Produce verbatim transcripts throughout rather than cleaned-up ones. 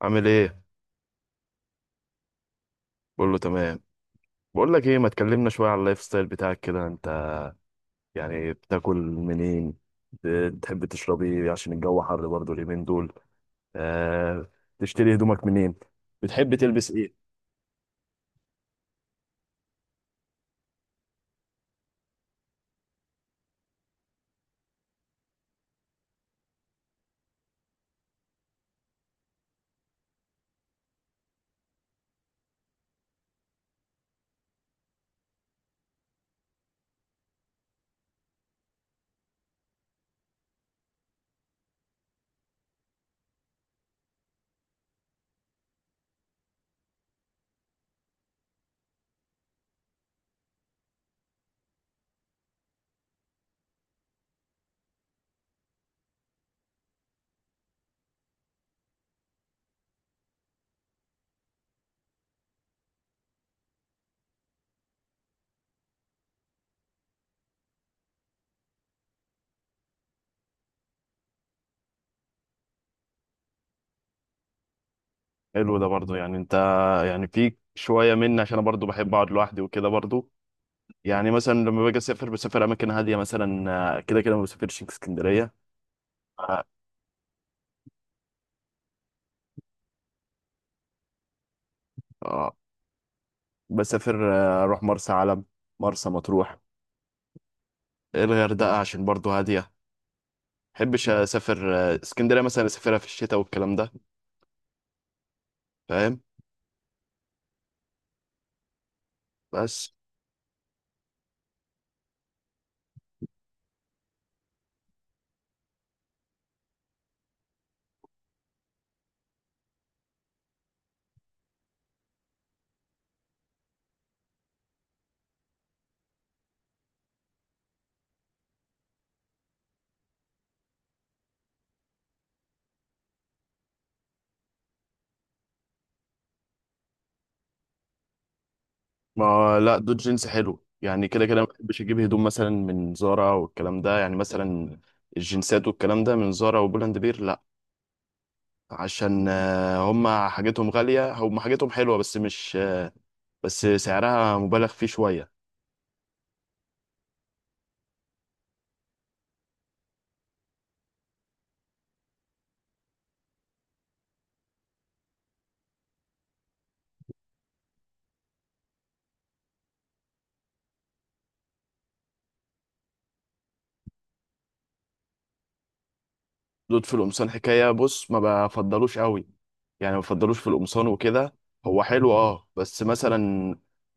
عامل ايه؟ بقول له تمام. بقول لك ايه، ما تكلمنا شويه على اللايف ستايل بتاعك كده انت. يعني بتاكل منين؟ بتحب تشرب ايه عشان الجو حر برضه اليومين دول؟ آه. تشتري هدومك منين؟ بتحب تلبس ايه؟ حلو ده برضه، يعني انت، يعني فيك شويه مني عشان انا برضه بحب اقعد لوحدي وكده برضه. يعني مثلا لما باجي اسافر بسافر اماكن هاديه مثلا. آه، كده كده ما بسافرش اسكندريه. آه آه، بسافر آه، اروح مرسى علم، مرسى مطروح، الغردقه عشان برضه هاديه. بحبش اسافر آه، اسكندريه مثلا اسافرها في الشتاء والكلام ده، فاهم؟ بس. ما لا، دول جينز حلو، يعني كده كده ما بحبش اجيب هدوم مثلا من زارا والكلام ده، يعني مثلا الجنسات والكلام ده من زارا وبولاند بير، لا. عشان آه، هما حاجتهم غاليه، هما حاجتهم حلوه، بس مش آه، بس سعرها مبالغ فيه شويه. دود في القمصان حكاية، بص، ما بفضلوش قوي، يعني ما بفضلوش في القمصان وكده. هو حلو اه بس مثلا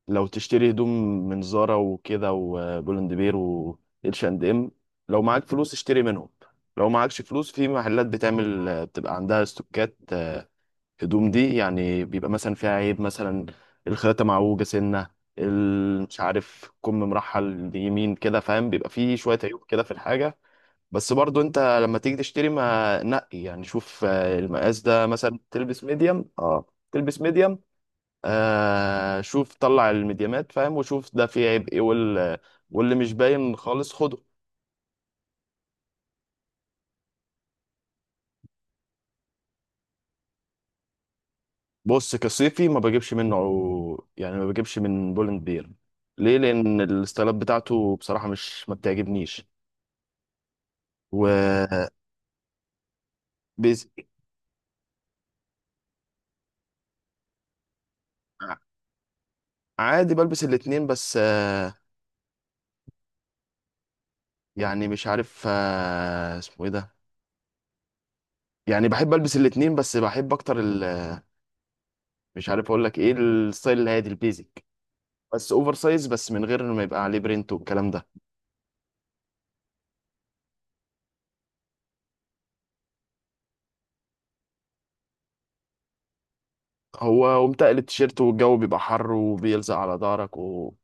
لو تشتري هدوم من زارا وكده وبولند بير واتش اند ام، لو معاك فلوس اشتري منهم. لو معاكش فلوس، في محلات بتعمل بتبقى عندها استوكات، آه، هدوم دي يعني بيبقى مثلا فيها عيب، مثلا الخياطة معوجة سنة، ال- مش عارف كم مرحل يمين كده، فاهم؟ بيبقى فيه شوية عيوب كده في الحاجة. بس برضو، انت لما تيجي تشتري ما نقي، يعني شوف آه، المقاس ده، مثلا تلبس ميديم، اه تلبس ميديم، آه شوف طلع الميديمات، فاهم؟ وشوف ده فيه عيب ايه وال... واللي مش باين خالص خده. بص، كصيفي ما بجيبش منه، يعني ما بجيبش من بولند بير. ليه؟ لان الستايلات بتاعته بصراحة مش، ما بتعجبنيش. و بيز- عادي بلبس الاتنين، بس آه يعني مش عارف آه اسمه ايه ده، يعني بحب البس الاتنين، بس بحب اكتر ال مش عارف اقول لك ايه، الستايل الهادي البيزك، بس اوفر سايز، بس من غير ما يبقى عليه برينت والكلام ده. هو ومتقل التيشيرت، والجو بيبقى حر وبيلزق على ظهرك، وكلام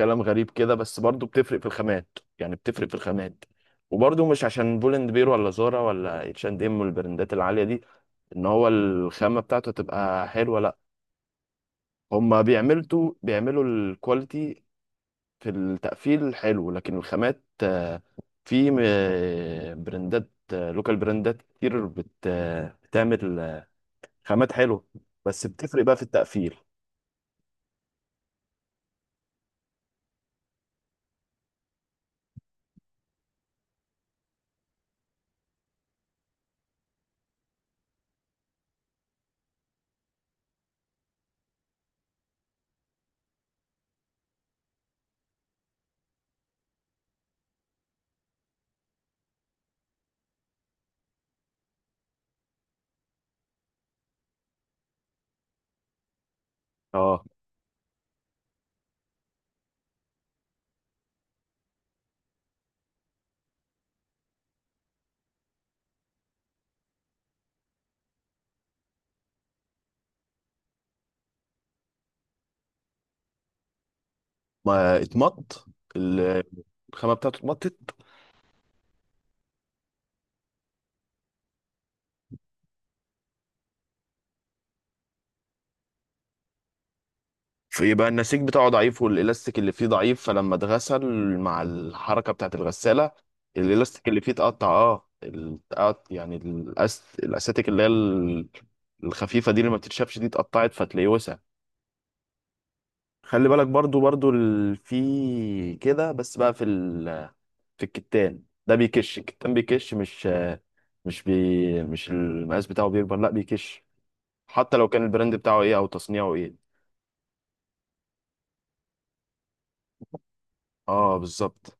غريب كده، بس برضه بتفرق في الخامات، يعني بتفرق في الخامات. وبرضه مش عشان بولند بير ولا زارا ولا اتش اند ام والبراندات العاليه دي ان هو الخامه بتاعته تبقى حلوه، لا. هما بيعملوا بيعملوا الكواليتي في التقفيل حلو، لكن الخامات، آه، في م- براندات، آه، لوكال براندات كتير بت آه، بتعمل آه، خامات حلوة، بس بتفرق بقى في التقفيل. اه. ما اتمط، ال- الخامة بتاعته اتمطت، فيبقى النسيج بتاعه ضعيف والالاستيك اللي فيه ضعيف، فلما اتغسل مع الحركة بتاعت الغسالة، الالاستيك اللي فيه اتقطع، اه، ال- اتقط- يعني الأس... الاساتيك اللي هي ال- الخفيفة دي اللي ما بتتشافش دي اتقطعت، فتلاقيه وسع. خلي بالك، برضو برضو ال... في كده، بس بقى في ال... في الكتان ده بيكش، الكتان بيكش، مش مش بي... مش المقاس بتاعه بيكبر، لا بيكش، حتى لو كان البراند بتاعه ايه او تصنيعه ايه. اه بالظبط.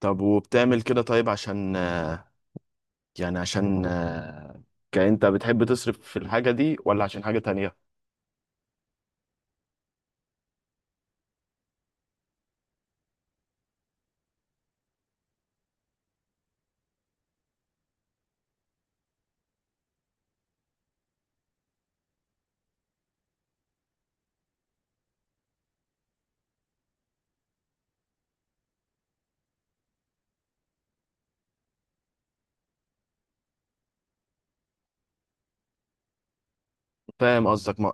طب وبتعمل كده طيب عشان آه، يعني، عشان آه، كأنت بتحب تصرف في الحاجة دي ولا عشان حاجة تانية؟ فاهم قصدك. ما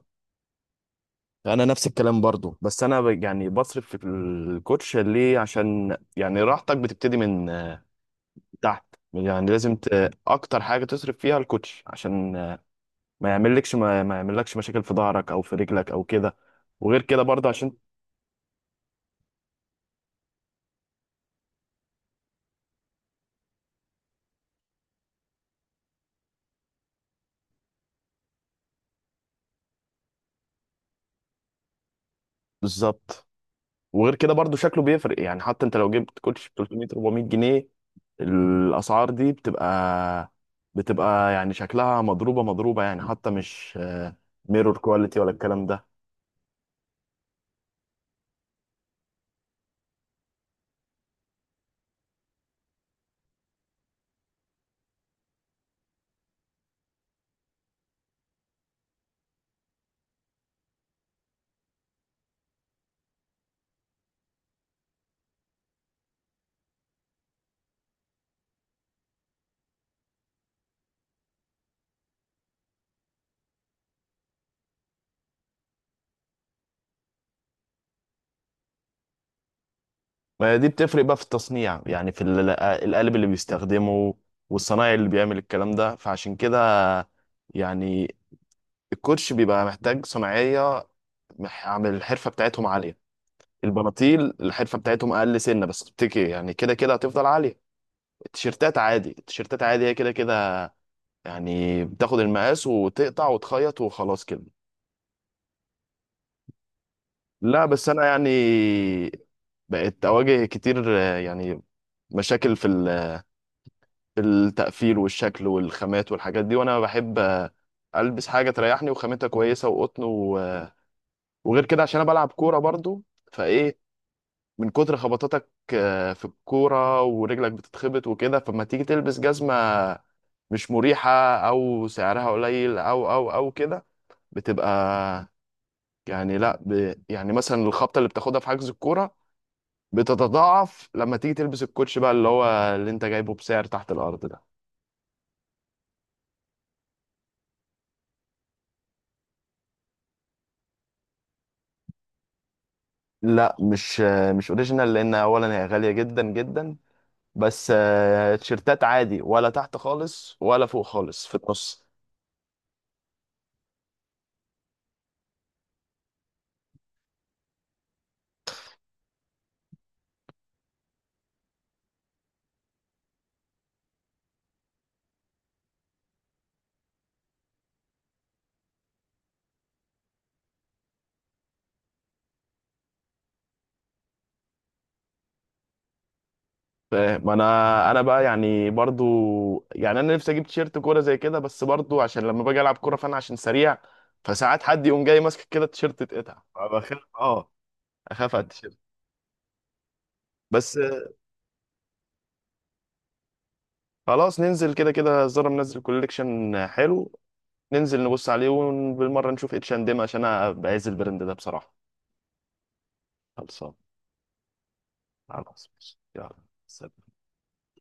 انا نفس الكلام برضو، بس انا ب- يعني بصرف في الكوتش ليه؟ عشان يعني راحتك بتبتدي من تحت، يعني لازم ت... اكتر حاجه تصرف فيها الكوتش، عشان ما يعملكش، ما, ما يعملكش مشاكل في ظهرك او في رجلك او كده، وغير كده برضه عشان. بالظبط. وغير كده برضه شكله بيفرق، يعني حتى انت لو جبت كوتش ب تلت ميه اربع ميه جنيه، الاسعار دي بتبقى، بتبقى يعني شكلها مضروبه مضروبه، يعني حتى مش ميرور كواليتي ولا الكلام ده. ما دي بتفرق بقى في التصنيع، يعني في ال- القالب اللي بيستخدمه والصنايعي اللي بيعمل الكلام ده، فعشان كده يعني الكوتش بيبقى محتاج صناعية، مح- عامل الحرفة بتاعتهم عالية. البناطيل الحرفة بتاعتهم أقل، سنة بس بتكي، يعني كده كده هتفضل عالية. التيشيرتات عادي، التيشيرتات عادي، هي كده كده يعني بتاخد المقاس وتقطع وتخيط وخلاص كده. لا بس أنا يعني بقيت أواجه كتير، آه، يعني مشاكل في ال- في التقفيل والشكل والخامات والحاجات دي، وأنا بحب آه، ألبس حاجة تريحني وخامتها كويسة وقطن و- وغير كده عشان أنا بلعب كورة برضو، فإيه، من كتر خبطاتك آه، في الكورة ورجلك بتتخبط وكده، فما تيجي تلبس جزمة مش مريحة، أو سعرها قليل، أو أو أو كده، بتبقى يعني، لا ب... يعني مثلا الخبطة اللي بتاخدها في حجز الكورة بتتضاعف لما تيجي تلبس الكوتش بقى، اللي هو اللي انت جايبه بسعر تحت الأرض ده. لا مش آه، مش اوريجينال، لأن أولا هي غالية جدا جدا، بس آه، تيشيرتات عادي، ولا تحت خالص ولا فوق خالص، في النص. فاهم. انا انا بقى يعني برضو، يعني انا نفسي اجيب تيشيرت كوره زي كده، بس برضو عشان لما باجي العب كوره فانا عشان سريع، فساعات حد يقوم جاي ماسك كده التيشيرت اتقطع، بخاف، اه، اخاف على التيشيرت. بس خلاص، ننزل كده كده، زارا منزل كوليكشن حلو، ننزل نبص عليه وبالمره نشوف اتش اند ام، عشان انا بعز البراند ده بصراحه. خلصان. خلاص ماشي. يلا. سلام.